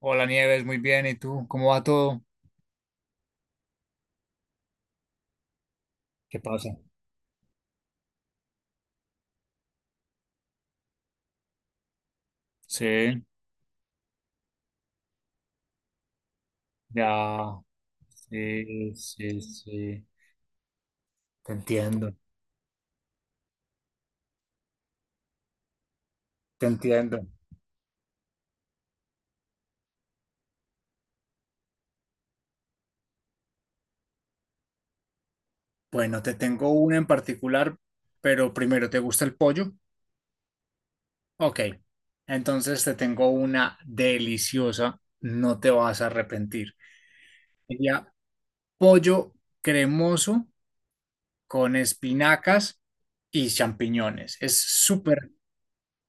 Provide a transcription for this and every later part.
Hola Nieves, muy bien. ¿Y tú? ¿Cómo va todo? ¿Qué pasa? Sí, ya. Sí, sí, sí. Te entiendo, te entiendo. Bueno, te tengo una en particular, pero primero, ¿te gusta el pollo? Ok, entonces te tengo una deliciosa, no te vas a arrepentir. Sería pollo cremoso con espinacas y champiñones. Es súper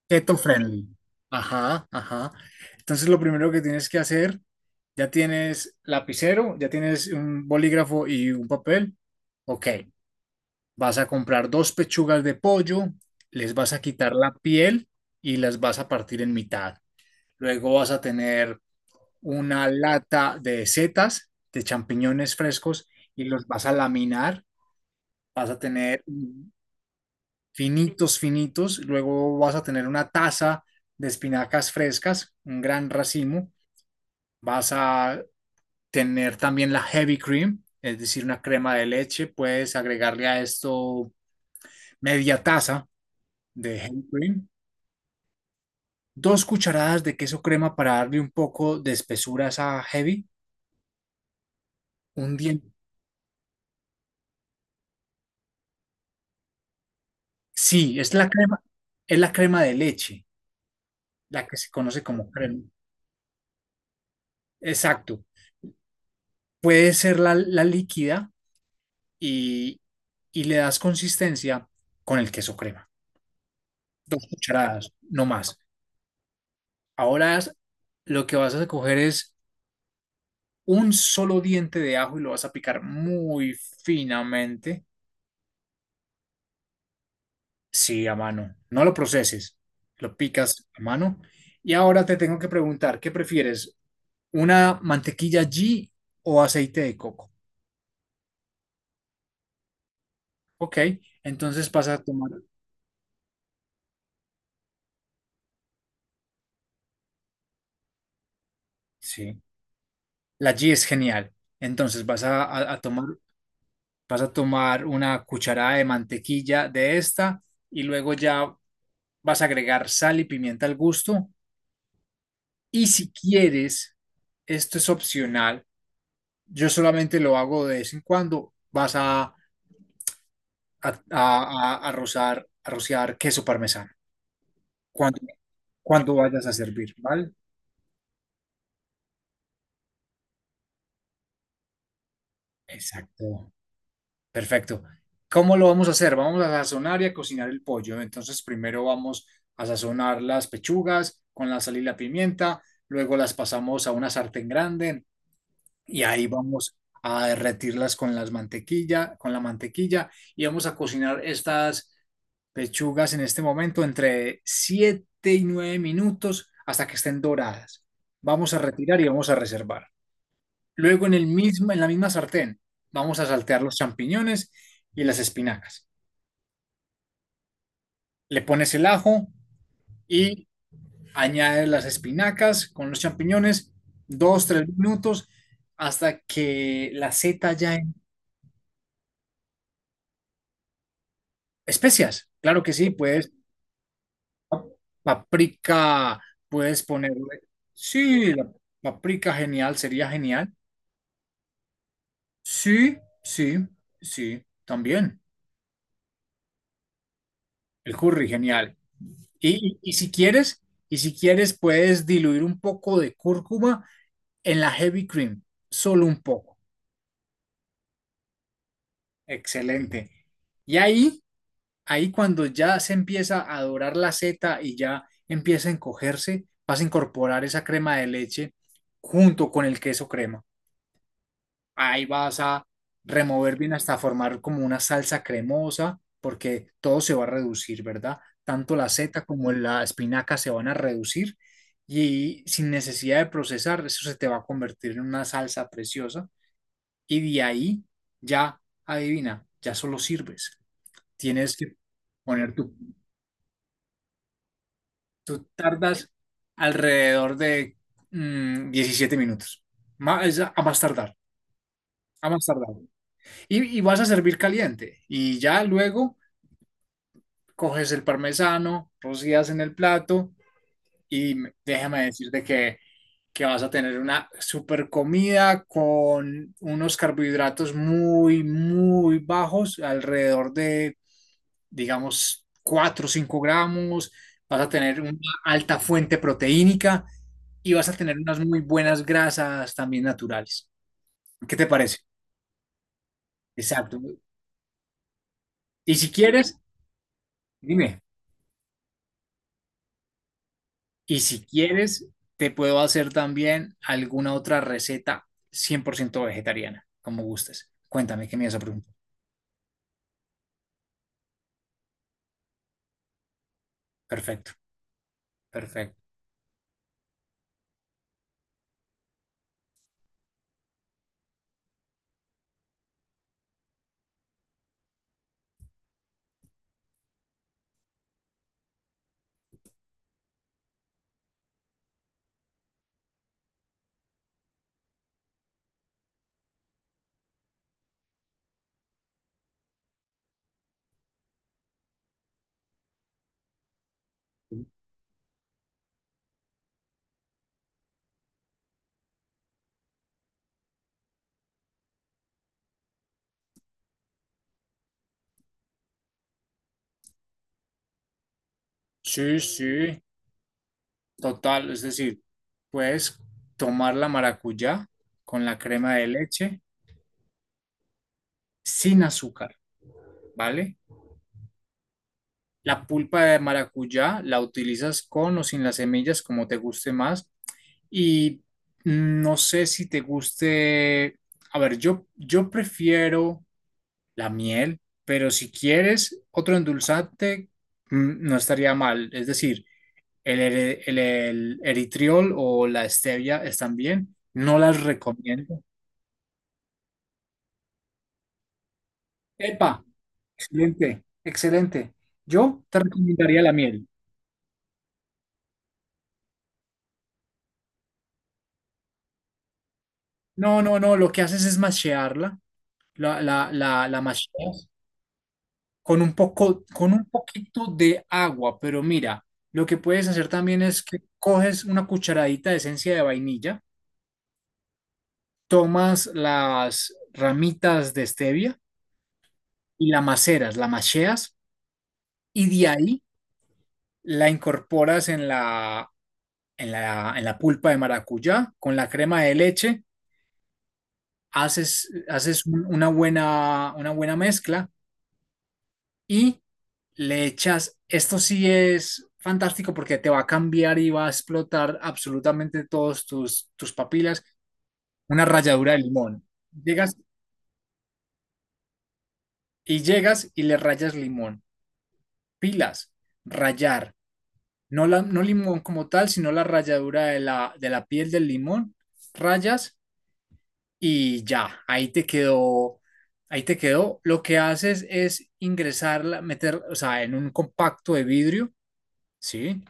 keto friendly. Ajá, ajá. Entonces lo primero que tienes que hacer, ya tienes lapicero, ya tienes un bolígrafo y un papel. Ok, vas a comprar dos pechugas de pollo, les vas a quitar la piel y las vas a partir en mitad. Luego vas a tener una lata de setas, de champiñones frescos y los vas a laminar. Vas a tener finitos, finitos. Luego vas a tener una taza de espinacas frescas, un gran racimo. Vas a tener también la heavy cream, es decir, una crema de leche. Puedes agregarle a esto media taza de heavy cream, dos cucharadas de queso crema para darle un poco de espesura a esa heavy, un diente. Sí, es la crema de leche, la que se conoce como crema. Exacto. Puede ser la líquida, y, y le das consistencia con el queso crema. Dos cucharadas, no más. Ahora lo que vas a coger es un solo diente de ajo y lo vas a picar muy finamente. Sí, a mano. No lo proceses, lo picas a mano. Y ahora te tengo que preguntar, ¿qué prefieres? ¿Una mantequilla ghee o aceite de coco? Ok, entonces vas a tomar. Sí, la ghee es genial. Entonces vas a tomar una cucharada de mantequilla de esta y luego ya vas a agregar sal y pimienta al gusto. Y si quieres, esto es opcional, yo solamente lo hago de vez en cuando, vas a rociar queso parmesano cuando, cuando vayas a servir, ¿vale? Exacto. Perfecto. ¿Cómo lo vamos a hacer? Vamos a sazonar y a cocinar el pollo. Entonces, primero vamos a sazonar las pechugas con la sal y la pimienta, luego las pasamos a una sartén grande y ahí vamos a derretirlas con la mantequilla y vamos a cocinar estas pechugas en este momento entre 7 y 9 minutos hasta que estén doradas. Vamos a retirar y vamos a reservar. Luego en la misma sartén vamos a saltear los champiñones y las espinacas. Le pones el ajo y añades las espinacas con los champiñones, 2, 3 minutos hasta que la seta ya en especias. Claro que sí, puedes paprika, puedes ponerle. Sí, la paprika genial, sería genial. Sí, sí, sí, también. El curry genial. Y, y- y si quieres, y si quieres, puedes diluir un poco de cúrcuma en la heavy cream, solo un poco. Excelente. Y ahí cuando ya se empieza a dorar la seta y ya empieza a encogerse, vas a incorporar esa crema de leche junto con el queso crema. Ahí vas a remover bien hasta formar como una salsa cremosa, porque todo se va a reducir, ¿verdad? Tanto la seta como la espinaca se van a reducir y sin necesidad de procesar, eso se te va a convertir en una salsa preciosa y de ahí ya, adivina, ya solo sirves. Tienes que poner tu, tú tardas alrededor de 17 minutos, más, a más tardar, a más tardar. Y vas a servir caliente. Y ya luego coges el parmesano, rocías en el plato déjame decirte que vas a tener una super comida con unos carbohidratos muy, muy bajos, alrededor de, digamos, 4 o 5 gramos. Vas a tener una alta fuente proteínica y vas a tener unas muy buenas grasas también naturales. ¿Qué te parece? Exacto. Y si quieres, dime. Y si quieres, te puedo hacer también alguna otra receta 100% vegetariana, como gustes. Cuéntame, ¿qué me ibas a preguntar? Perfecto, perfecto. Sí, sí, total. Es decir, puedes tomar la maracuyá con la crema de leche sin azúcar, ¿vale? La pulpa de maracuyá la utilizas con o sin las semillas, como te guste más. Y no sé si te guste. A ver, yo prefiero la miel, pero si quieres otro endulzante, no estaría mal. Es decir, el eritriol o la stevia están bien. No las recomiendo. Epa, excelente, excelente. Yo te recomendaría la miel. No, no, no, lo que haces es mashearla. La masheas con un poquito de agua, pero mira, lo que puedes hacer también es que coges una cucharadita de esencia de vainilla tomas las ramitas de stevia y la macheas y de ahí la incorporas en la pulpa de maracuyá con la crema de leche, haces una buena mezcla y le echas, esto sí es fantástico porque te va a cambiar y va a explotar absolutamente todos tus papilas, una ralladura de limón. Llegas y llegas y le rayas limón, pilas, rayar no, la, no limón como tal, sino la ralladura de la piel del limón, rayas y ya, ahí te quedó, ahí te quedó. Lo que haces es ingresarla, meter, o sea, en un compacto de vidrio, ¿sí?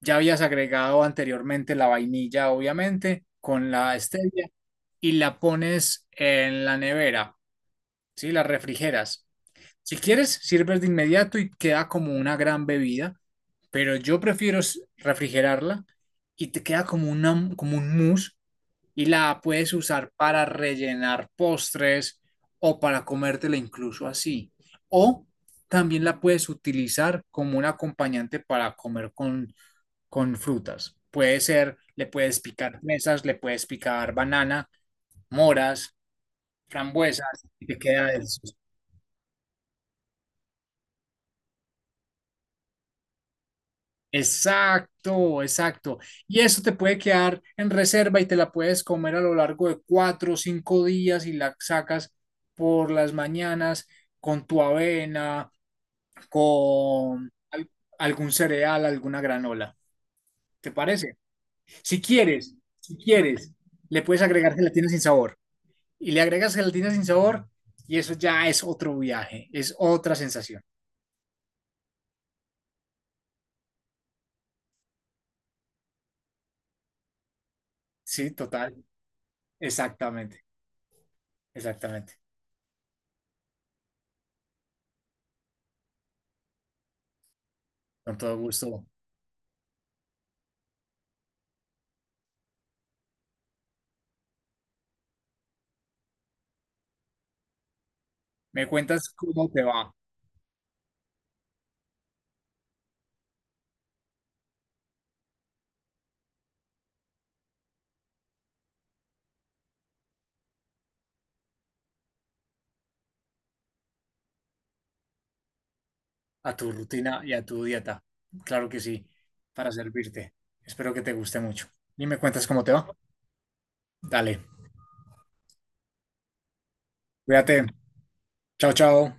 Ya habías agregado anteriormente la vainilla, obviamente, con la stevia y la pones en la nevera, ¿sí? La refrigeras. Si quieres, sirves de inmediato y queda como una gran bebida, pero yo prefiero refrigerarla y te queda como un mousse y la puedes usar para rellenar postres o para comértela incluso así. O también la puedes utilizar como un acompañante para comer con frutas. Puede ser, le puedes picar fresas, le puedes picar banana, moras, frambuesas y te queda delicioso. Exacto, exacto. Y eso te puede quedar en reserva y te la puedes comer a lo largo de 4 o 5 días y la sacas por las mañanas con tu avena, con algún cereal, alguna granola. ¿Te parece? Si quieres, le puedes agregar gelatina sin sabor. Y le agregas gelatina sin sabor y eso ya es otro viaje, es otra sensación. Sí, total. Exactamente, exactamente. Con todo gusto. Me cuentas cómo te va a tu rutina y a tu dieta. Claro que sí, para servirte. Espero que te guste mucho. Y me cuentas cómo te va. Dale, cuídate. Chao, chao.